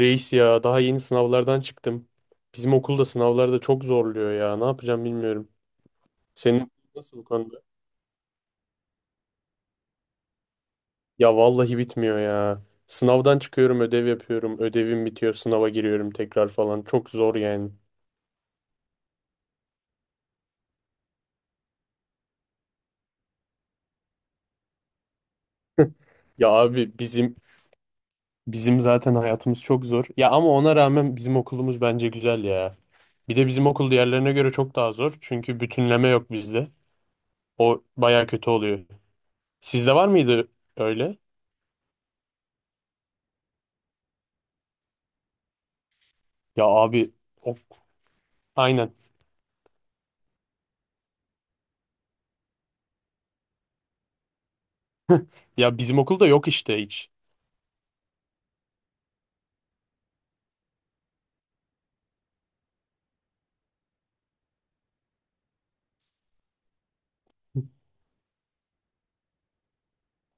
Reis ya daha yeni sınavlardan çıktım. Bizim okulda sınavlarda çok zorluyor ya. Ne yapacağım bilmiyorum. Senin okul nasıl bu konuda? Ya vallahi bitmiyor ya. Sınavdan çıkıyorum, ödev yapıyorum. Ödevim bitiyor, sınava giriyorum tekrar falan. Çok zor yani. Ya abi bizim zaten hayatımız çok zor. Ya ama ona rağmen bizim okulumuz bence güzel ya. Bir de bizim okul diğerlerine göre çok daha zor. Çünkü bütünleme yok bizde. O baya kötü oluyor. Sizde var mıydı öyle? Ya abi o, aynen. Ya bizim okulda yok işte hiç.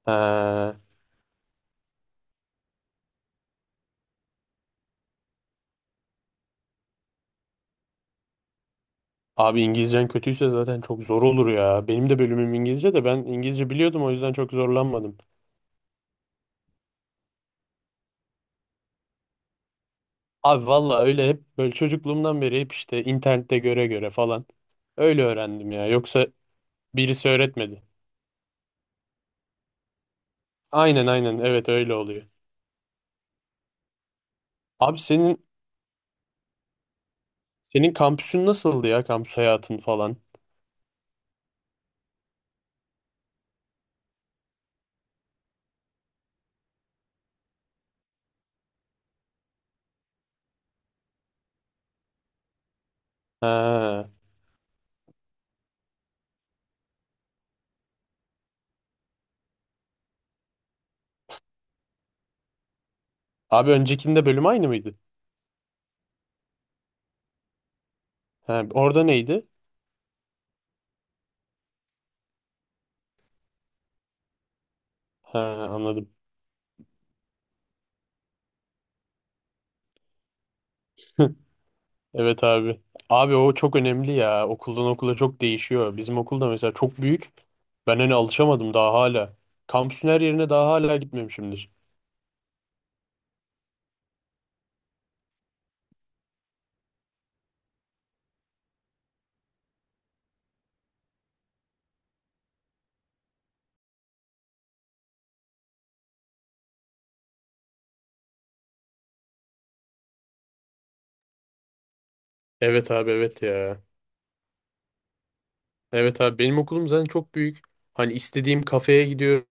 Ee, abi İngilizcen kötüyse zaten çok zor olur ya. Benim de bölümüm İngilizce de ben İngilizce biliyordum o yüzden çok zorlanmadım. Abi valla öyle hep böyle çocukluğumdan beri hep işte internette göre göre falan. Öyle öğrendim ya. Yoksa birisi öğretmedi. Aynen aynen evet öyle oluyor. Abi senin kampüsün nasıldı ya kampüs hayatın falan? Ha. Abi öncekinde bölüm aynı mıydı? Ha, orada neydi? Ha, anladım. Evet abi. Abi o çok önemli ya. Okuldan okula çok değişiyor. Bizim okulda mesela çok büyük. Ben hani alışamadım daha hala. Kampüsün her yerine daha hala gitmemişimdir. Evet abi evet ya. Evet abi benim okulum zaten çok büyük. Hani istediğim kafeye gidiyorum,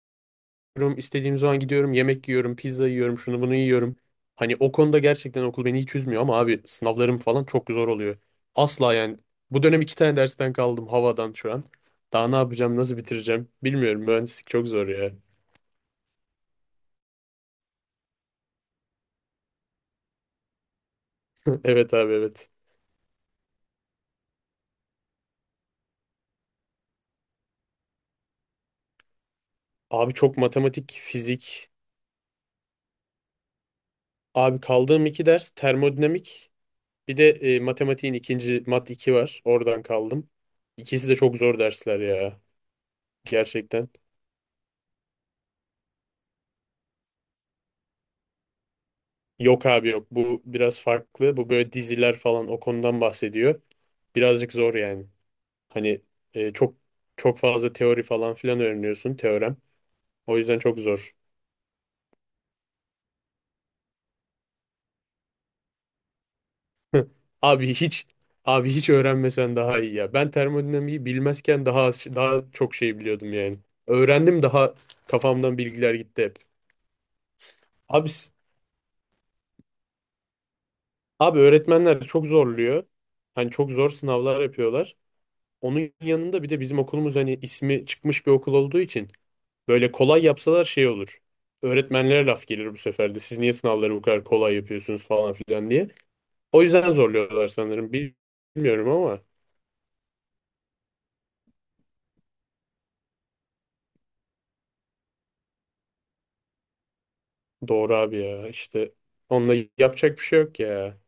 istediğim zaman gidiyorum, yemek yiyorum, pizza yiyorum, şunu bunu yiyorum. Hani o konuda gerçekten okul beni hiç üzmüyor ama abi sınavlarım falan çok zor oluyor. Asla yani. Bu dönem iki tane dersten kaldım havadan şu an. Daha ne yapacağım, nasıl bitireceğim bilmiyorum. Mühendislik çok zor ya. Evet abi evet. Abi çok matematik, fizik. Abi kaldığım iki ders termodinamik. Bir de matematiğin ikinci mat 2 var. Oradan kaldım. İkisi de çok zor dersler ya. Gerçekten. Yok abi yok. Bu biraz farklı. Bu böyle diziler falan o konudan bahsediyor. Birazcık zor yani. Hani e, çok çok fazla teori falan filan öğreniyorsun teorem. O yüzden çok zor. Abi hiç abi hiç öğrenmesen daha iyi ya. Ben termodinamiği bilmezken daha çok şey biliyordum yani. Öğrendim daha kafamdan bilgiler gitti hep. Abi s- abi öğretmenler çok zorluyor. Hani çok zor sınavlar yapıyorlar. Onun yanında bir de bizim okulumuz hani ismi çıkmış bir okul olduğu için böyle kolay yapsalar şey olur. Öğretmenlere laf gelir bu sefer de. Siz niye sınavları bu kadar kolay yapıyorsunuz falan filan diye. O yüzden zorluyorlar sanırım. Bilmiyorum ama. Doğru abi ya. İşte onunla yapacak bir şey yok ya.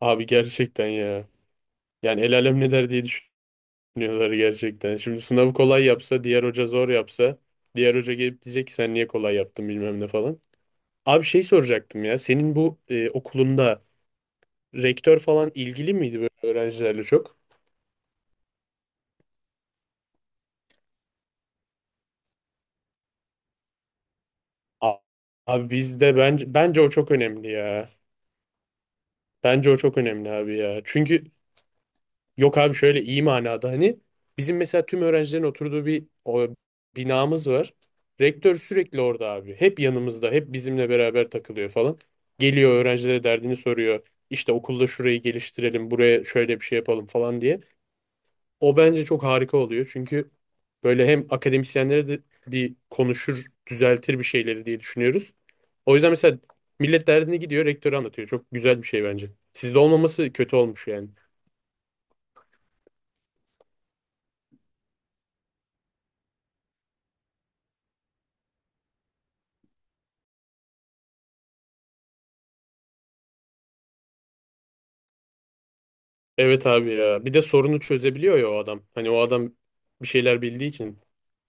Abi gerçekten ya. Yani el alem ne der diye düşünüyorlar gerçekten. Şimdi sınavı kolay yapsa, diğer hoca zor yapsa, diğer hoca gelip diyecek ki sen niye kolay yaptın bilmem ne falan. Abi şey soracaktım ya. Senin bu okulunda rektör falan ilgili miydi böyle öğrencilerle çok? A- Abi bizde bence o çok önemli ya. Bence o çok önemli abi ya. Çünkü yok abi şöyle iyi manada hani bizim mesela tüm öğrencilerin oturduğu bir o, binamız var. Rektör sürekli orada abi. Hep yanımızda, hep bizimle beraber takılıyor falan. Geliyor öğrencilere derdini soruyor. İşte okulda şurayı geliştirelim, buraya şöyle bir şey yapalım falan diye. O bence çok harika oluyor. Çünkü böyle hem akademisyenlere de bir konuşur, düzeltir bir şeyleri diye düşünüyoruz. O yüzden mesela millet derdini gidiyor, rektöre anlatıyor. Çok güzel bir şey bence. Sizde olmaması kötü olmuş yani. Evet abi ya. Bir de sorunu çözebiliyor ya o adam. Hani o adam bir şeyler bildiği için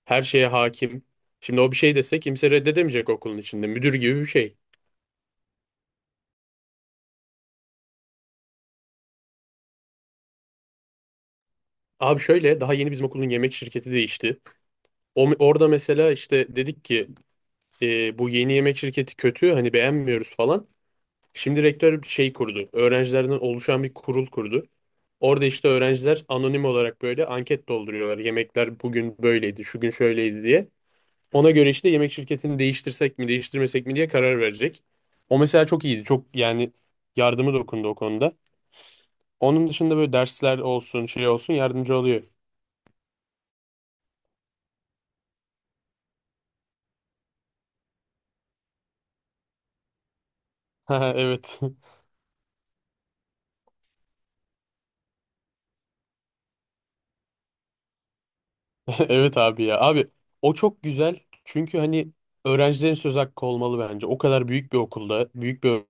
her şeye hakim. Şimdi o bir şey dese kimse reddedemeyecek okulun içinde. Müdür gibi bir şey. Abi şöyle daha yeni bizim okulun yemek şirketi değişti. O, orada mesela işte dedik ki bu yeni yemek şirketi kötü hani beğenmiyoruz falan. Şimdi rektör bir şey kurdu. Öğrencilerden oluşan bir kurul kurdu. Orada işte öğrenciler anonim olarak böyle anket dolduruyorlar. Yemekler bugün böyleydi, şu gün şöyleydi diye. Ona göre işte yemek şirketini değiştirsek mi değiştirmesek mi diye karar verecek. O mesela çok iyiydi. Çok yani yardımı dokundu o konuda. Onun dışında böyle dersler olsun şey olsun yardımcı oluyor. Ha, evet. Evet abi ya. Abi o çok güzel. Çünkü hani öğrencilerin söz hakkı olmalı bence. O kadar büyük bir okulda büyük bir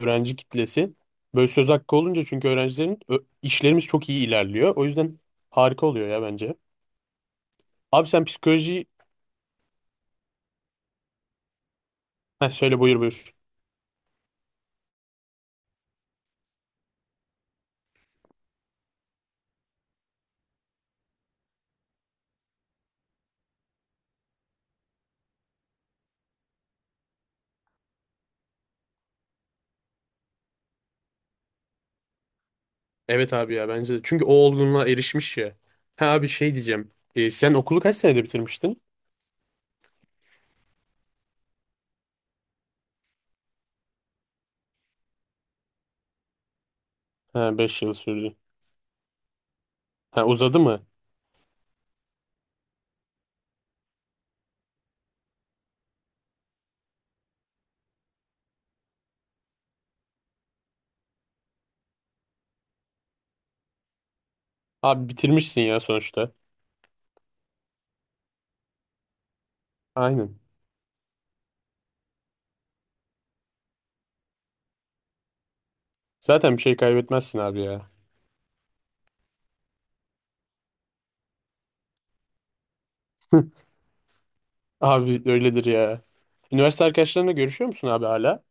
öğrenci kitlesi böyle söz hakkı olunca çünkü öğrencilerin işlerimiz çok iyi ilerliyor. O yüzden harika oluyor ya bence. Abi sen psikoloji... Heh, söyle buyur. Evet abi ya bence de. Çünkü o olgunluğa erişmiş ya. Ha abi şey diyeceğim. E, sen okulu kaç senede bitirmiştin? Ha 5 yıl sürdü. Ha uzadı mı? Abi bitirmişsin ya sonuçta. Aynen. Zaten bir şey kaybetmezsin abi ya. Abi öyledir ya. Üniversite arkadaşlarınla görüşüyor musun abi hala?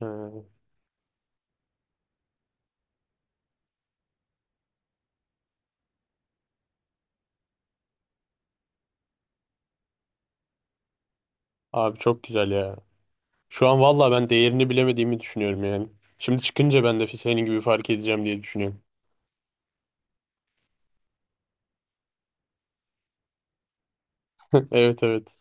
Ha, abi çok güzel ya. Şu an valla ben değerini bilemediğimi düşünüyorum yani. Şimdi çıkınca ben de senin gibi fark edeceğim diye düşünüyorum. Evet evet.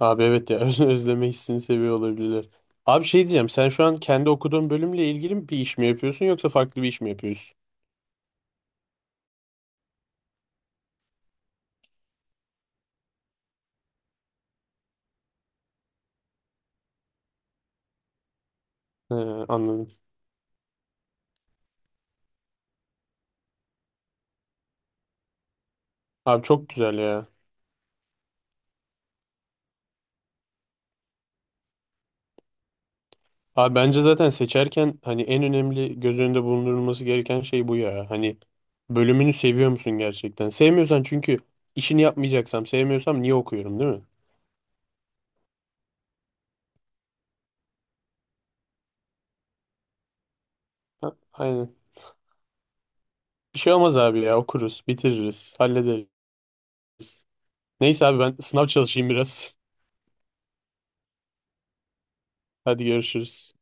Abi evet ya özleme hissini seviyor olabilirler. Abi şey diyeceğim sen şu an kendi okuduğun bölümle ilgili bir iş mi yapıyorsun yoksa farklı bir iş mi yapıyorsun? He, anladım. Abi çok güzel ya. Abi bence zaten seçerken hani en önemli göz önünde bulundurulması gereken şey bu ya. Hani bölümünü seviyor musun gerçekten? Sevmiyorsan çünkü işini yapmayacaksam sevmiyorsam niye okuyorum değil mi? Ha, aynen. Bir şey olmaz abi ya okuruz bitiririz hallederiz. Neyse abi ben sınav çalışayım biraz. Hadi görüşürüz.